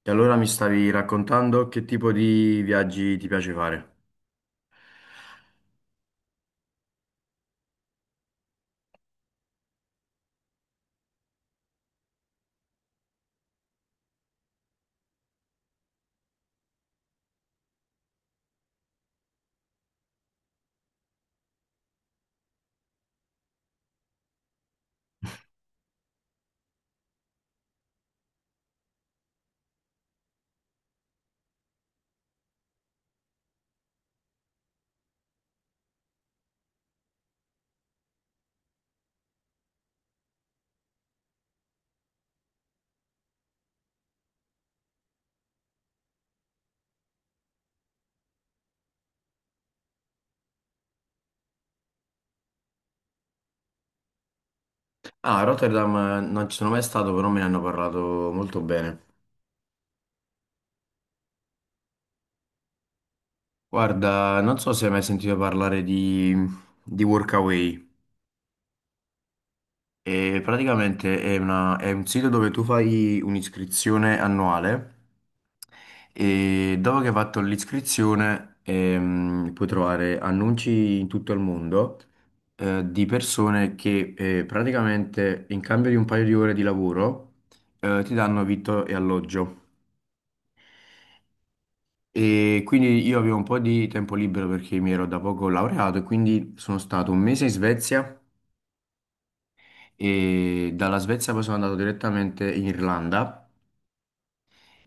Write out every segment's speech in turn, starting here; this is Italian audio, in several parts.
E allora mi stavi raccontando che tipo di viaggi ti piace fare? Ah, a Rotterdam non ci sono mai stato, però me ne hanno parlato molto bene. Guarda, non so se hai mai sentito parlare di Workaway. E praticamente è è un sito dove tu fai un'iscrizione annuale e dopo che hai fatto l'iscrizione puoi trovare annunci in tutto il mondo di persone che praticamente in cambio di un paio di ore di lavoro ti danno vitto e alloggio. E quindi io avevo un po' di tempo libero perché mi ero da poco laureato e quindi sono stato un mese in Svezia e dalla Svezia poi sono andato direttamente in Irlanda.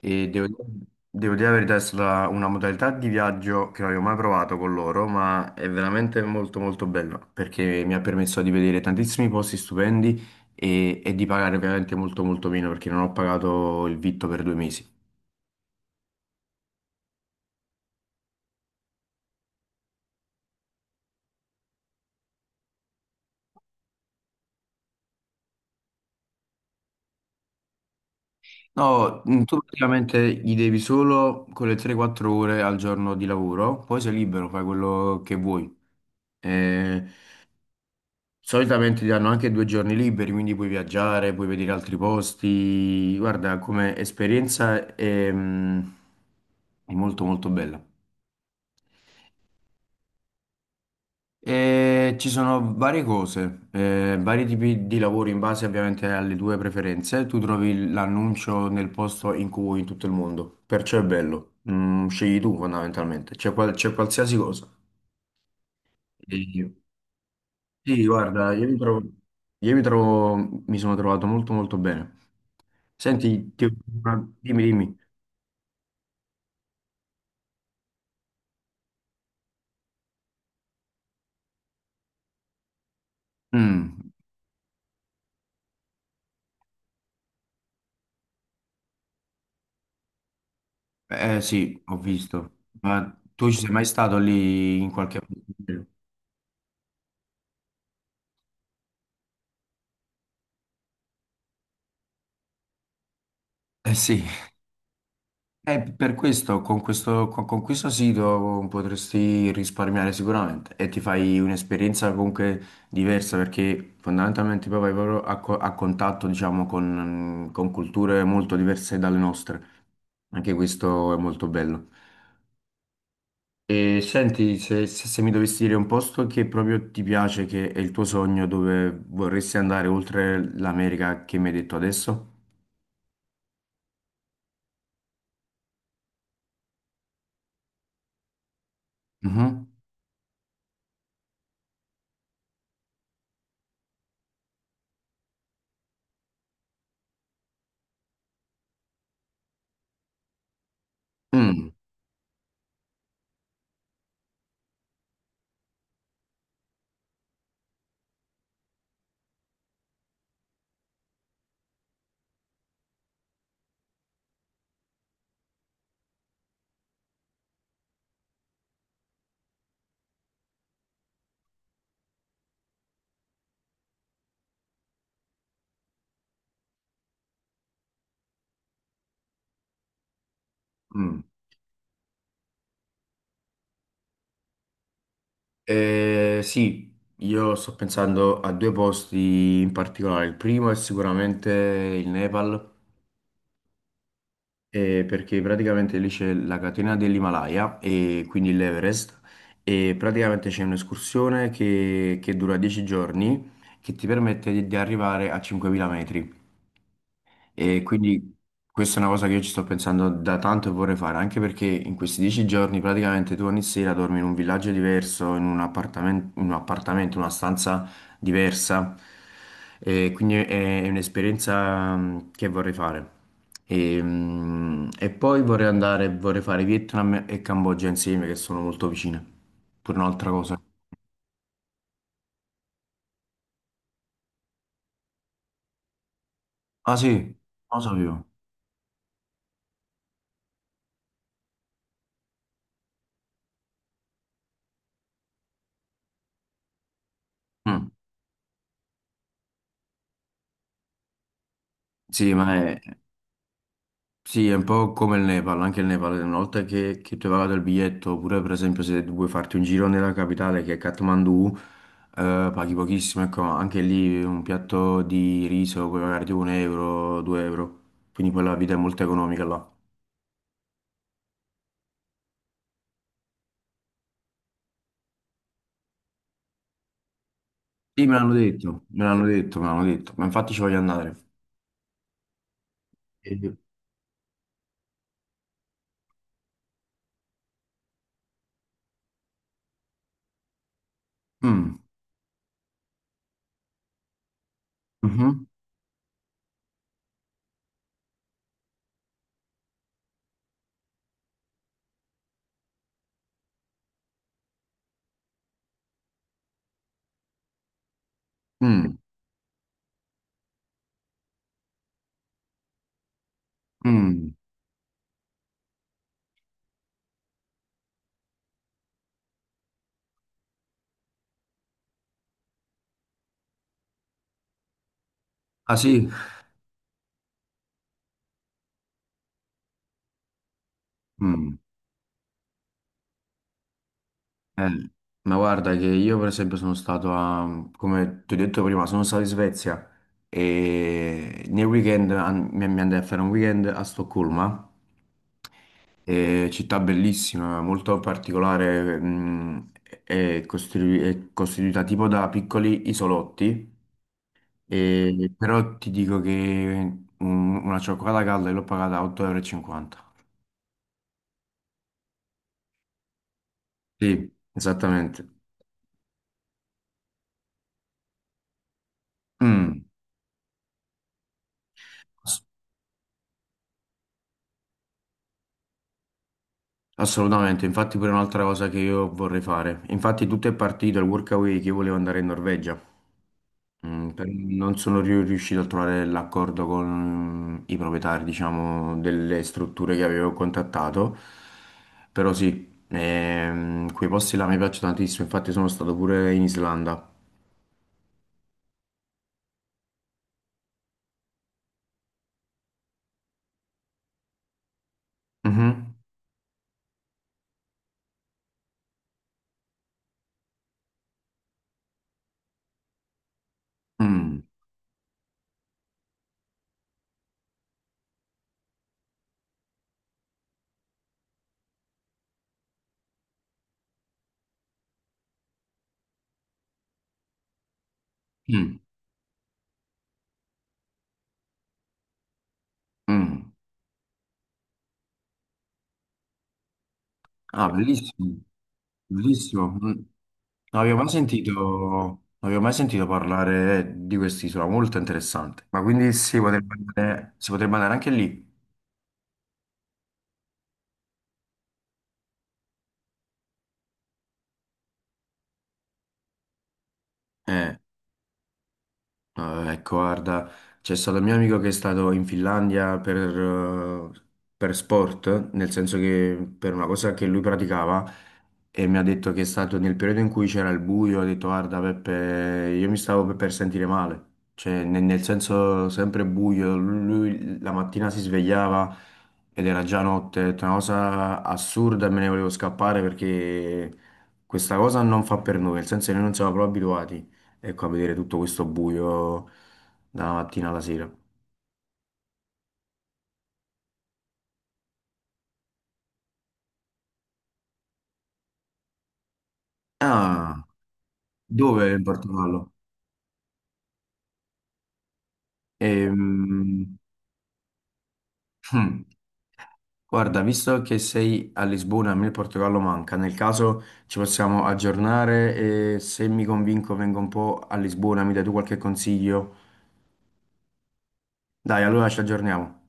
E devo dire la verità, è stata una modalità di viaggio che non avevo mai provato con loro, ma è veramente molto molto bella perché mi ha permesso di vedere tantissimi posti stupendi e di pagare ovviamente molto molto meno perché non ho pagato il vitto per 2 mesi. No, tu praticamente gli devi solo quelle 3-4 ore al giorno di lavoro, poi sei libero, fai quello che vuoi. Eh, Solitamente ti danno anche 2 giorni liberi, quindi puoi viaggiare, puoi vedere altri posti. Guarda, come esperienza è molto molto bella. E ci sono varie cose, vari tipi di lavori in base ovviamente alle tue preferenze. Tu trovi l'annuncio nel posto in cui vuoi in tutto il mondo, perciò è bello. Mm, scegli tu fondamentalmente, c'è c'è qualsiasi cosa. E- Sì, guarda, mi sono trovato molto molto bene. Senti, dimmi, dimmi. Mm, eh sì, ho visto. Ma tu ci sei mai stato lì in qualche... Eh sì. Per questo, con questo, con questo sito potresti risparmiare sicuramente e ti fai un'esperienza comunque diversa perché fondamentalmente poi vai proprio a contatto, diciamo, con culture molto diverse dalle nostre. Anche questo è molto bello. E senti, se mi dovessi dire un posto che proprio ti piace, che è il tuo sogno, dove vorresti andare oltre l'America che mi hai detto adesso? Mhm. Mm, mm. Sì, io sto pensando a due posti in particolare. Il primo è sicuramente il Nepal. Perché praticamente lì c'è la catena dell'Himalaya e quindi l'Everest e praticamente c'è un'escursione che dura 10 giorni che ti permette di arrivare a 5.000 metri. E quindi questa è una cosa che io ci sto pensando da tanto e vorrei fare, anche perché in questi 10 giorni praticamente tu ogni sera dormi in un villaggio diverso, in un appartamento, una stanza diversa. E quindi è un'esperienza che vorrei fare. E poi vorrei fare Vietnam e Cambogia insieme, che sono molto vicine. Pure un'altra cosa. Ah sì, non lo sapevo. Mm. Sì, ma è, Sì, è un po' come il Nepal, anche il Nepal, una volta che tu hai pagato il biglietto, oppure per esempio se vuoi farti un giro nella capitale che è Kathmandu, paghi pochissimo, ecco, anche lì un piatto di riso puoi pagare tipo un euro, 2 euro, quindi poi la vita è molto economica là. Sì, me l'hanno detto, me l'hanno detto, me l'hanno detto, ma infatti ci voglio andare. E- Mm. Mhm. Mm. Mm. Ah sì? Mm. Eh, ma guarda che io per esempio come ti ho detto prima, sono stato in Svezia e nel weekend mi andai a fare un weekend a Stoccolma. Città bellissima, molto particolare, è costituita tipo da piccoli isolotti, però ti dico che una cioccolata calda l'ho pagata a 8,50 euro. Sì, esattamente. Mm. Assolutamente, infatti pure un'altra cosa che io vorrei fare. Infatti tutto è partito, il workaway che io volevo andare in Norvegia, però non sono riuscito a trovare l'accordo con i proprietari, diciamo, delle strutture che avevo contattato, però sì, quei posti là mi piacciono tantissimo, infatti sono stato pure in Islanda. Mhm. Mm. Mm. Mm. Ah, bellissimo, bellissimo. Mm. Non avevo mai sentito parlare di quest'isola, molto interessante. Ma quindi si potrebbe andare anche lì. Eh. Ah, ecco, guarda, c'è stato un mio amico che è stato in Finlandia eh, per sport, nel senso che per una cosa che lui praticava e mi ha detto che è stato nel periodo in cui c'era il buio, ha detto guarda Peppe, io mi stavo per sentire male, cioè nel senso sempre buio, lui la mattina si svegliava ed era già notte, ha detto, una cosa assurda e me ne volevo scappare perché questa cosa non fa per noi, nel senso che noi non siamo proprio abituati. Ecco, a vedere tutto questo buio dalla mattina alla sera. Ah, dove in Portogallo? Ehm, hmm, guarda, visto che sei a Lisbona, a me il Portogallo manca. Nel caso ci possiamo aggiornare e se mi convinco vengo un po' a Lisbona, mi dai tu qualche consiglio? Dai, allora ci aggiorniamo.